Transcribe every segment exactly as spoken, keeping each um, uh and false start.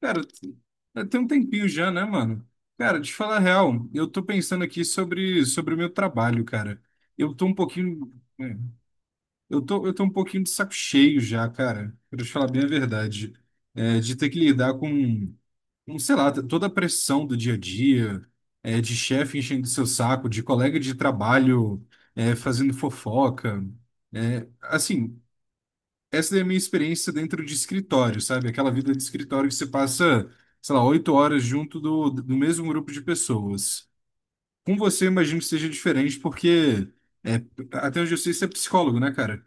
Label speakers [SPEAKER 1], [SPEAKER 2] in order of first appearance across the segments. [SPEAKER 1] Cara, t- tem um tempinho já, né, mano? Cara, de falar a real, eu tô pensando aqui sobre, sobre o meu trabalho, cara. Eu tô um pouquinho. é, Eu tô, eu tô um pouquinho de saco cheio já, cara. Pra te falar bem a verdade. É, de ter que lidar com, com, sei lá, toda a pressão do dia a dia, é, de chefe enchendo seu saco, de colega de trabalho, é, fazendo fofoca. É, assim, essa é a minha experiência dentro de escritório, sabe? Aquela vida de escritório que você passa, sei lá, oito horas junto do, do mesmo grupo de pessoas. Com você, imagino que seja diferente, porque é, até onde eu sei, você é psicólogo, né, cara?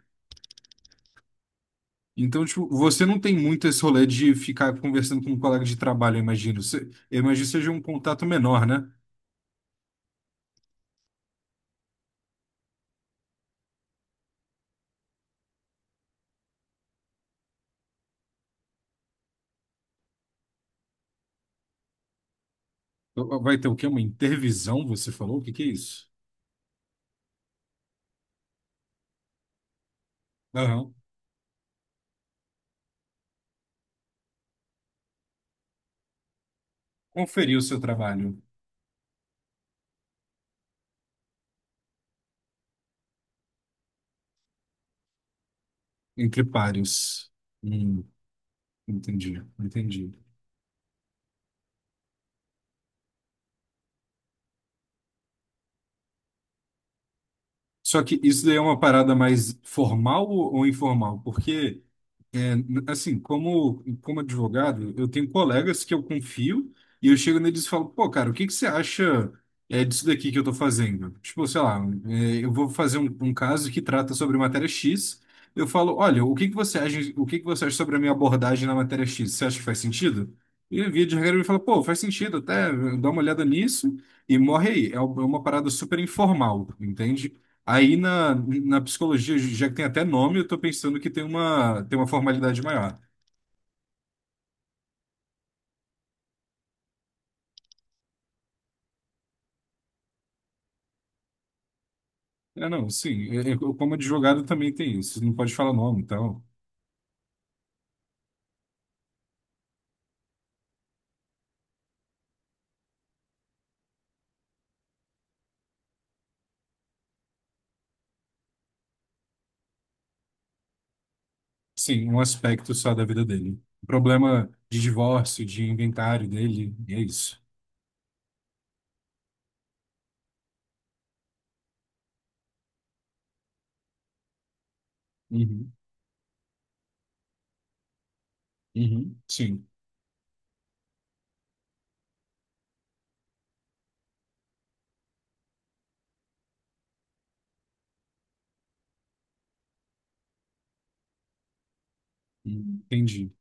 [SPEAKER 1] Então, tipo, você não tem muito esse rolê de ficar conversando com um colega de trabalho, eu imagino. Você, eu imagino que seja um contato menor, né? Vai ter o quê? Uma intervisão, você falou? O que que é isso? Aham. Conferir o seu trabalho entre pares. Hum, entendi, entendi. Só que isso daí é uma parada mais formal ou ou informal? Porque, é, n- assim, como, como advogado, eu tenho colegas que eu confio e eu chego neles e falo, pô, cara, o que que você acha é, disso daqui que eu tô fazendo? Tipo, sei lá, é, eu vou fazer um, um caso que trata sobre matéria X. Eu falo, olha, o que que você acha, o que que você acha sobre a minha abordagem na matéria X? Você acha que faz sentido? E via de regra ele fala, pô, faz sentido até, dá uma olhada nisso e morre aí. É é uma parada super informal, entende? Aí na, na psicologia, já que tem até nome, eu tô pensando que tem uma, tem uma formalidade maior. É, não, sim, eu, eu, como advogado também tem isso, não pode falar nome, então, sim, um aspecto só da vida dele. Problema de divórcio, de inventário dele, e é isso. Uhum, uhum, sim, entendi.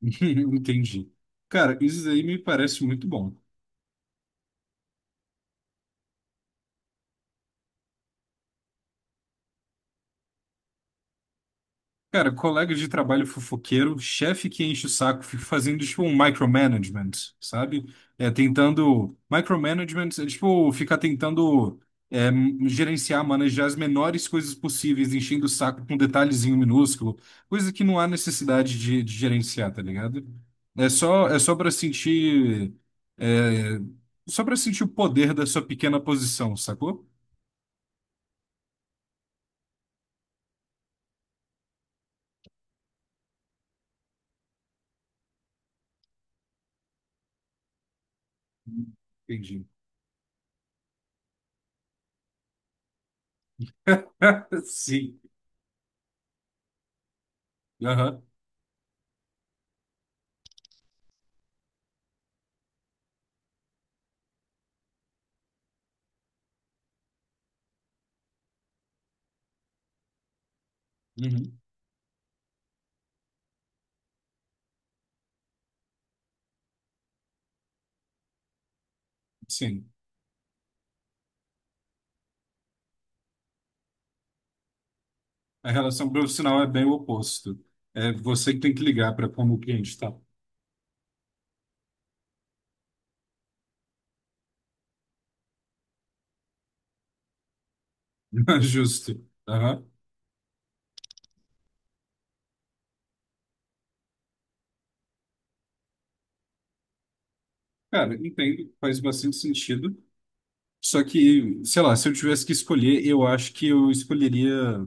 [SPEAKER 1] Entendi. Cara, isso aí me parece muito bom. Cara, colega de trabalho fofoqueiro, chefe que enche o saco, fica fazendo tipo um micromanagement, sabe? É, tentando. Micromanagement é tipo ficar tentando é, gerenciar, manejar as menores coisas possíveis, enchendo o saco com detalhezinho minúsculo, coisa que não há necessidade de, de gerenciar, tá ligado? É só, é só para sentir. é, Só para sentir o poder da sua pequena posição, sacou? Entendi. Sim. Aham. Uhum. Sim. A relação profissional é bem o oposto. É você que tem que ligar para como o cliente está. Justo. Aham. Cara, entendo, faz bastante sentido. Só que, sei lá, se eu tivesse que escolher, eu acho que eu escolheria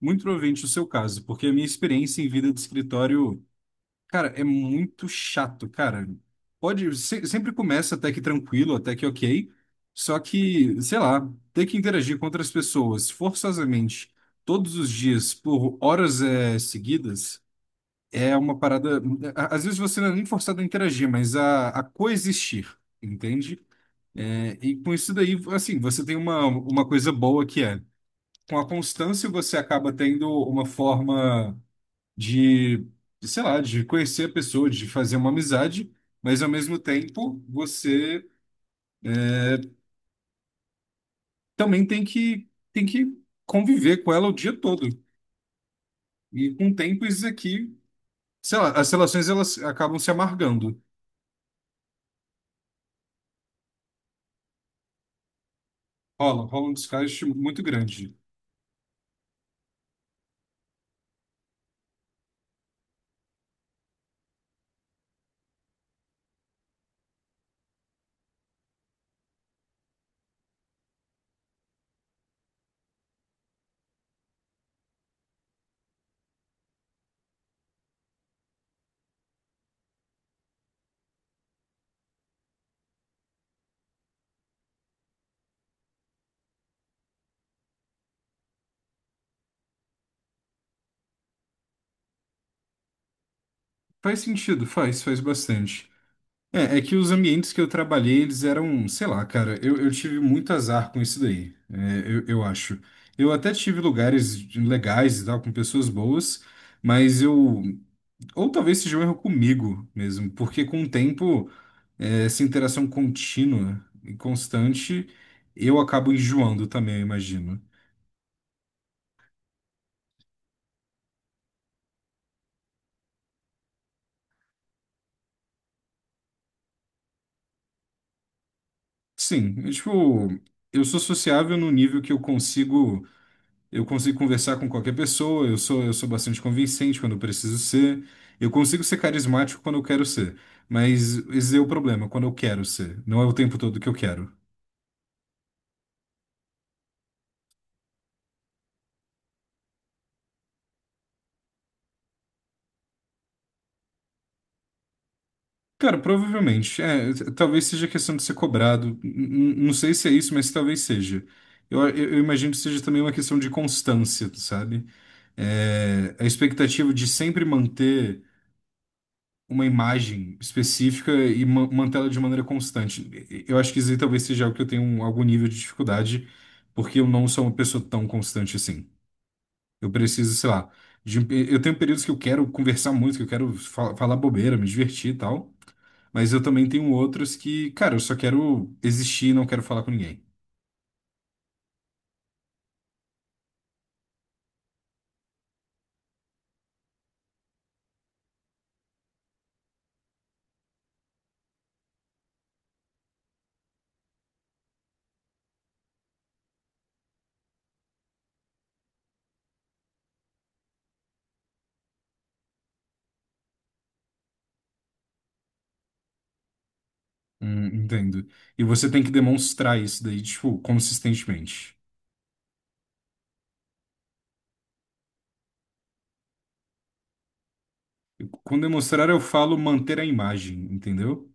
[SPEAKER 1] muito provavelmente o seu caso, porque a minha experiência em vida de escritório. Cara, é muito chato, cara. Pode, se- sempre começa até que tranquilo, até que ok. Só que, sei lá, ter que interagir com outras pessoas forçosamente todos os dias por horas eh, seguidas é uma parada. a- Às vezes você não é nem forçado a interagir, mas a, a coexistir, entende? É, e com isso daí, assim, você tem uma, uma coisa boa que é, com a constância você acaba tendo uma forma de, sei lá, de conhecer a pessoa, de fazer uma amizade, mas ao mesmo tempo você é, também tem que, tem que conviver com ela o dia todo. E com o tempo isso aqui, sei lá, as relações elas acabam se amargando. Rola, rola um desgaste muito grande. Faz sentido, faz, faz bastante. É, é que os ambientes que eu trabalhei, eles eram, sei lá, cara, eu, eu tive muito azar com isso daí, é, eu, eu acho. Eu até tive lugares de- legais e tal, com pessoas boas, mas eu. Ou talvez seja um erro comigo mesmo, porque com o tempo, é, essa interação contínua e constante, eu acabo enjoando também, eu imagino. Sim, é tipo, eu sou sociável no nível que eu consigo. Eu consigo conversar com qualquer pessoa, eu sou, eu sou bastante convincente quando eu preciso ser. Eu consigo ser carismático quando eu quero ser. Mas esse é o problema, quando eu quero ser. Não é o tempo todo que eu quero. Cara, provavelmente. É, t- talvez seja questão de ser cobrado. N- n- Não sei se é isso, mas talvez seja. Eu, eu- eu imagino que seja também uma questão de constância, sabe? É, a expectativa de sempre manter uma imagem específica e ma- mantê-la de maneira constante. E- Eu acho que isso aí talvez seja algo que eu tenho um- algum nível de dificuldade, porque eu não sou uma pessoa tão constante assim. Eu preciso, sei lá, de um pe- eu tenho períodos que eu quero conversar muito, que eu quero fa- falar bobeira, me divertir e tal, mas eu também tenho outros que, cara, eu só quero existir e não quero falar com ninguém. Hum, entendo. E você tem que demonstrar isso daí, tipo, consistentemente. Com demonstrar, eu falo manter a imagem, entendeu?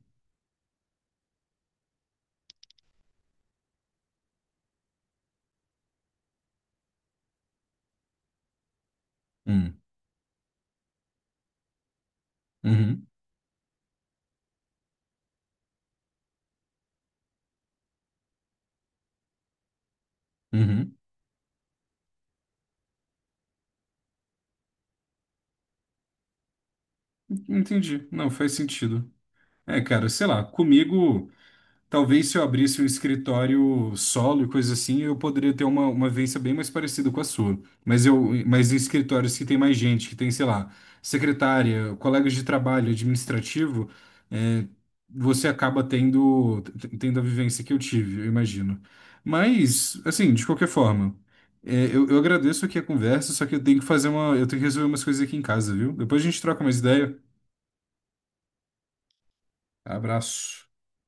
[SPEAKER 1] Hum. Uhum. Uhum. Entendi. Não, faz sentido. É, cara, sei lá, comigo, talvez se eu abrisse um escritório solo e coisa assim, eu poderia ter uma, uma vivência bem mais parecida com a sua. Mas eu, mas em escritórios que tem mais gente, que tem, sei lá, secretária, colegas de trabalho, administrativo, é, você acaba tendo, t- tendo a vivência que eu tive, eu imagino. Mas, assim, de qualquer forma, é, eu, eu agradeço aqui a conversa, só que eu tenho que fazer uma, eu tenho que resolver umas coisas aqui em casa, viu? Depois a gente troca mais ideia. Abraço.